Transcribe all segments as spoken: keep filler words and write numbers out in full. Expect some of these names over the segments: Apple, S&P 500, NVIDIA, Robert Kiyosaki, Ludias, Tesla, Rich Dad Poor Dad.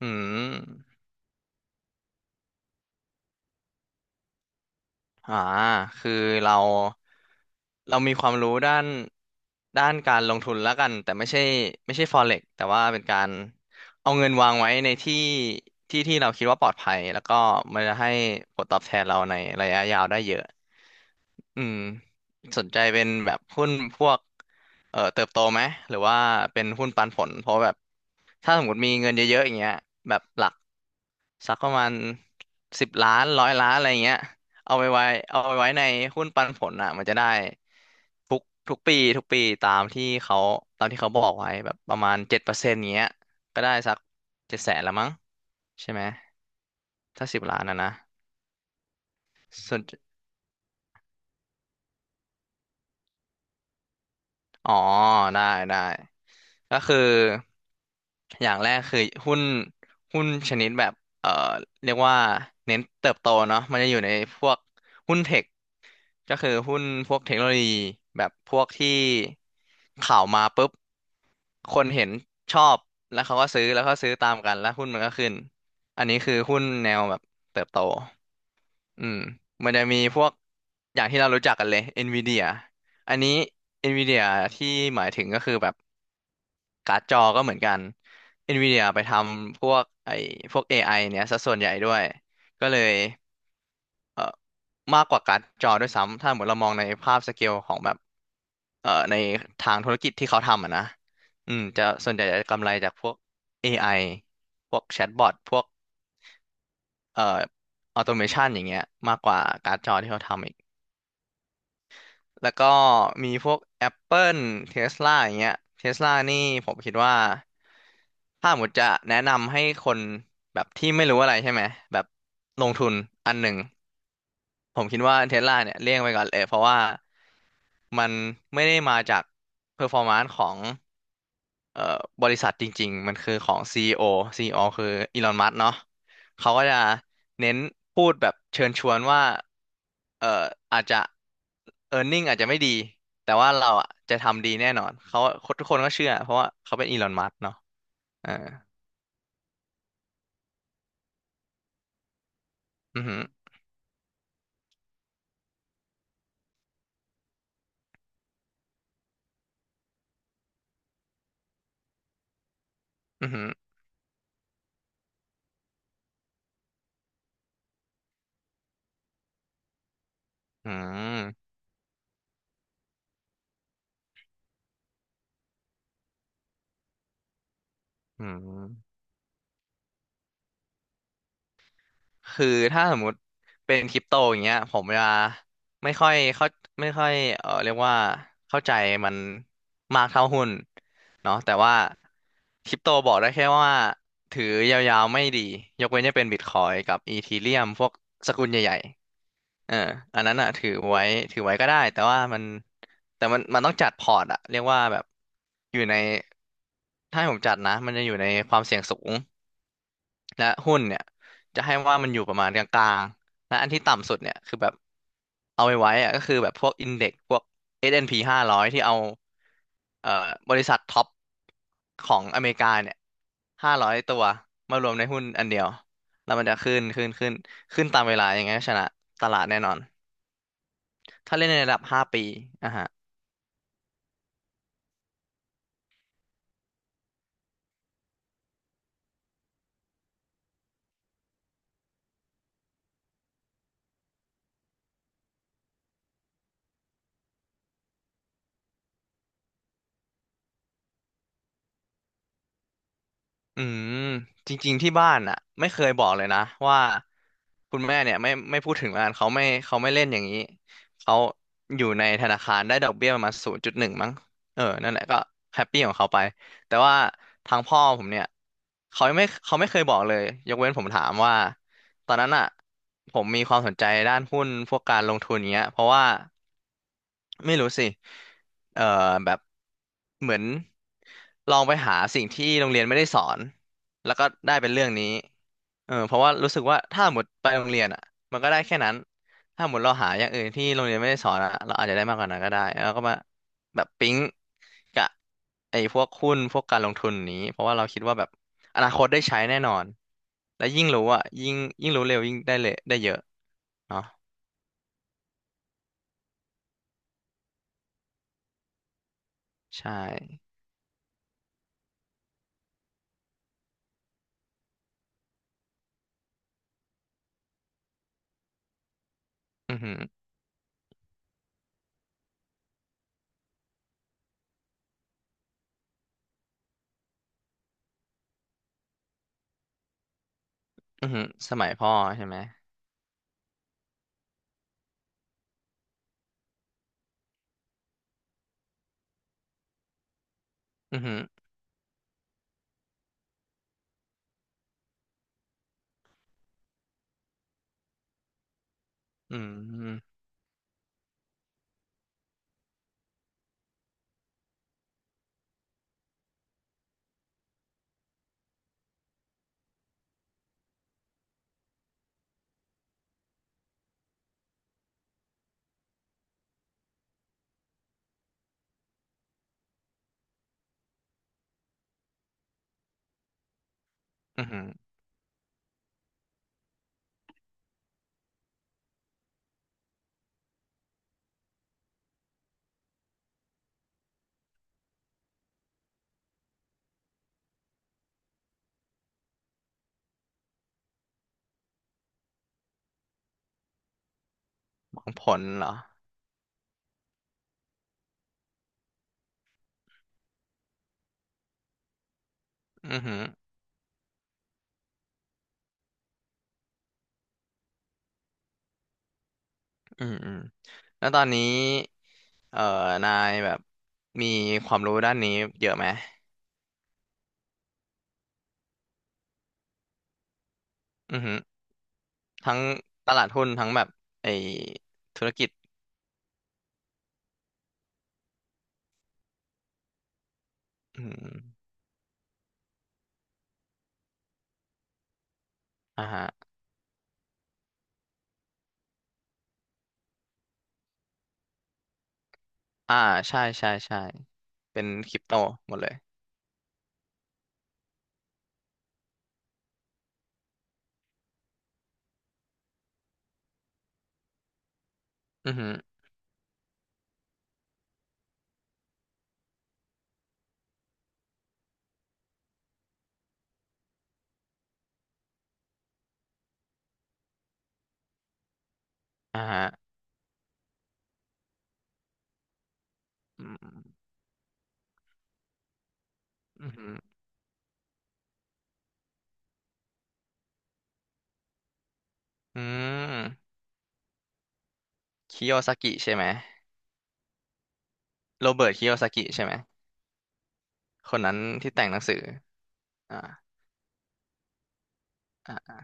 อืมอ่าคือเราเรามีความรู้ด้านด้านการลงทุนแล้วกันแต่ไม่ใช่ไม่ใช่ Forex แต่ว่าเป็นการเอาเงินวางไว้ในที่ที่ที่เราคิดว่าปลอดภัยแล้วก็มันจะให้ผลตอบแทนเราในระยะยาวได้เยอะอืมสนใจเป็นแบบหุ้นพวกเอ่อเติบโตไหมหรือว่าเป็นหุ้นปันผลเพราะแบบถ้าสมมติมีเงินเยอะๆอย่างเงี้ยแบบหลัก สักประมาณสิบล้านร้อยล้านอะไรเงี้ยเอาไปไว้เอาไปไว้ในหุ้นปันผลอ่ะมันจะได้ทุกทุกปีทุกปีตามที่เขาตามที่เขาบอกไว้แบบประมาณเจ็ดเปอร์เซ็นต์เงี้ยก็ได้สักเจ็ดแสนละมั้งใช่ไหมถ้าสิบล้านนะนะส่วนอ๋อได้ได้ก็คืออย่างแรกคือหุ้นหุ้นชนิดแบบเอ่อเรียกว่าเน้นเติบโตเนาะมันจะอยู่ในพวกหุ้นเทค ก็คือหุ้นพวกเทคโนโลยีแบบพวกที่ข่าวมาปุ๊บคนเห็นชอบแล้วเขาก็ซื้อแล้วก็ซื้อตามกันแล้วหุ้นมันก็ขึ้นอันนี้คือหุ้นแนวแบบเติบโตอืมมันจะมีพวกอย่างที่เรารู้จักกันเลย NVIDIA อันนี้ NVIDIA ที่หมายถึงก็คือแบบการ์ดจอก็เหมือนกัน NVIDIA ไปทำพวกไอ้พวก เอ ไอ เนี่ยซะส่วนใหญ่ด้วยก็เลย เอ่อมากกว่าการ์ดจอด้วยซ้ำถ้าเหมือนเรามองในภาพสเกลของแบบเอ่อในทางธุรกิจที่เขาทำอะนะอืมจะส่วนใหญ่จะกำไรจากพวก เอ ไอ พวกแชทบอทพวกเอ่อออโตเมชันอย่างเงี้ยมากกว่าการ์ดจอที่เขาทำอีกแล้วก็มีพวก Apple Tesla อย่างเงี้ย Tesla นี่ผมคิดว่าถ้าหมดจะแนะนำให้คนแบบที่ไม่รู้อะไรใช่ไหมแบบลงทุนอันหนึ่ง ผมคิดว่าเทสลาเนี่ยเลี่ยงไปก่อนเลยเพราะว่ามันไม่ได้มาจากเพอร์ฟอร์มานซ์ของเอ่อบริษัทจริงๆมันคือของ ซี อี โอ ีอีโอซีอีโอคืออีลอนมัสเนาะเขาก็จะเน้นพูดแบบเชิญชวนว่าเอ่ออาจจะ earning อาจจะไม่ดีแต่ว่าเราอ่ะจะทำดีแน่นอนเขาทุกคนก็เชื่อเพราะว่าเขาเป็นอีลอนมัสเนาะอ่าอือหืออือหืออืมอืม คือถ้าสมมุติเป็นคริปโตอย่างเงี้ยผมจะไม่ค่อยเข้าไม่ค่อยเออเรียกว่าเข้าใจมันมากเท่าหุ้นเนาะแต่ว่าคริปโตบอกได้แค่ว่าถือยาวๆไม่ดียกเว้นจะเป็นบิตคอยกับอีทีเรียมพวกสกุลใหญ่ๆเอออันนั้นอ่ะถือไว้ถือไว้ก็ได้แต่ว่ามันแต่มันมันต้องจัดพอร์ตอะเรียกว่าแบบอยู่ในถ้าให้ผมจัดนะมันจะอยู่ในความเสี่ยงสูง และหุ้นเนี่ยจะให้ว่ามันอยู่ประมาณกลางๆ และอันที่ต่ำสุดเนี่ยคือแบบเอาไว้ไว้อะก็คือแบบพวกอินเด็กพวก เอส แอนด์ พี ห้าร้อยที่เอาเอ่อบริษัทท็อปของอเมริกาเนี่ยห้าร้อยตัวมารวมในหุ้นอันเดียวแล้วมันจะขึ้นขึ้นขึ้นขึ้นตามเวลาอย่างเงี้ยชนะตลาดแน่นอนถ้าเล่นในระดับห้าปีอ่ะฮะ อืมจริงๆที่บ้านอ่ะไม่เคยบอกเลยนะว่าคุณแม่เนี่ยไม่ไม่พูดถึงมันเขาไม่เขาไม่เล่นอย่างนี้เขาอยู่ในธนาคารได้ดอกเบี้ยประมาณศูนย์จุดหนึ่งมั้งเออนั่นแหละก็แฮปปี้ของเขาไปแต่ว่าทางพ่อผมเนี่ยเขาไม่เขาไม่เคยบอกเลยยกเว้นผมถามว่าตอนนั้นอ่ะผมมีความสนใจด้านหุ้นพวกการลงทุนเงี้ยเพราะว่า ไม่รู้สิเอ่อแบบเหมือนลองไปหาสิ่งที่โรงเรียนไม่ได้สอนแล้วก็ได้เป็นเรื่องนี้เออเพราะว่ารู้สึกว่าถ้าหมดไปโรงเรียนอ่ะมันก็ได้แค่นั้นถ้าหมดเราหาอย่างอื่นที่โรงเรียนไม่ได้สอนอ่ะเราอาจจะได้มากกว่านั้นก็ได้แล้วก็มาแบบปิ๊งกับไอ้พวกหุ้นพวกการลงทุนนี้เพราะว่าเราคิดว่าแบบอนาคตได้ใช้แน่นอนและยิ่งรู้อ่ะยิ่งยิ่งรู้เร็วยิ่งได้เลยได้เยอะเนาะใช่อือหืออือหือสมัยพ่อใช่ไหม อือหืออืมอือหือหวังผลเหรออือหืออืมอืมแล้วตอนนี้เอ่อนายแบบมีความรู้ด้านนี้เยอะไหมอือหือทั้งตลาดหุ้นทั้งแบบไอธุรกิจอืมอ่าฮะอ่า ใช่ ใช่ ใช่ เป็นคริปโตหมดเลยอือหืออ่าฮะอืมอือหืออืมคิโยซากิใช่ไหม โรเบิร์ตคิโยซากิใช่ไหม คนนั้นที่แต่งหนังสืออ่าอ่า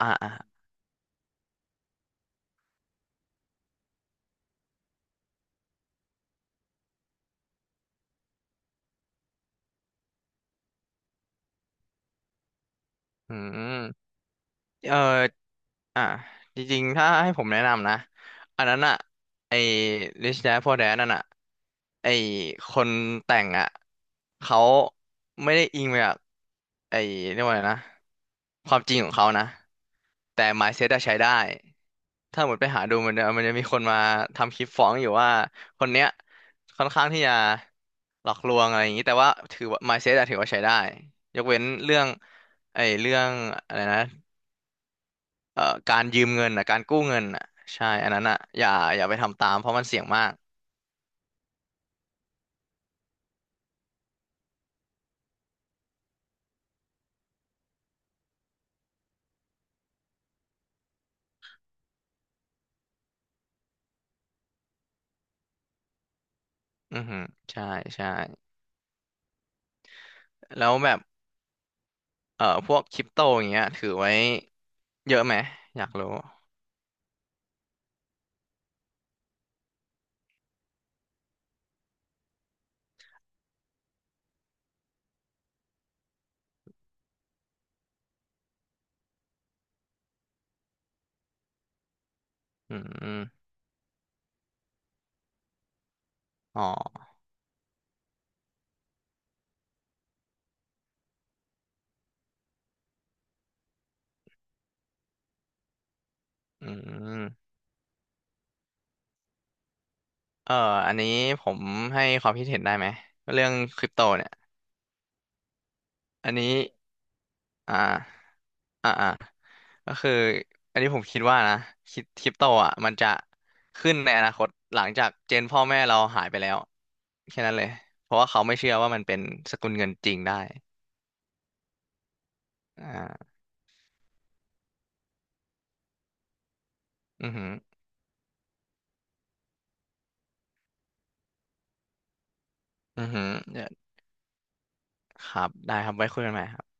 อ่าอ่าอืมเออ อ่ะจริงๆถ้าให้ผมแนะนำนะอันนั้นอ่ะไอ้ Rich Dad Poor Dad นั่นอ่ะไอ้คนแต่งอ่ะเขาไม่ได้อิงมาจากไอ้เรียกว่าอะไรนะความจริงของเขานะแต่ mindset อะใช้ได้ถ้าหมดไปหาดูมันจะมันจะมีคนมาทำคลิปฟ้องอยู่ว่าคนเนี้ยค่อนข้างที่จะหลอกลวงอะไรอย่างนี้แต่ว่าถือว่า mindset อะถือว่าใช้ได้ยกเว้นเรื่องไอ้เรื่องอะไรนะ เอ่อการยืมเงินอ่ะการกู้เงินอ่ะใช่อันนั้นอ่ะอย่าอย่าไปทำตามเพราะมันเสี่ยงมากอือหือใช่ใช่แล้วแบบเอ่อพวกคริปโตอย่างเงี้ยถือไว้เยอะไหมอยากรู้อืมอ๋ออืมเอ่ออันนี้ผมให้ความคิดเห็นได้ไหมเรื่องคริปโตเนี่ยอันนี้อ่าอ่าอ่าก็คืออันนี้ผมคิดว่านะคริปคริปโตอ่ะมันจะขึ้นในอนาคตหลังจากเจนพ่อแม่เราหายไปแล้ว แค่นั้นเลย เพราะว่าเขาไม่เชื่อว่ามันเป็นสกุลเงินจริงได้อ่าอือหืออือหือเดี๋ยวครับได้ครับ ไว้คุยกันใหม่ครับ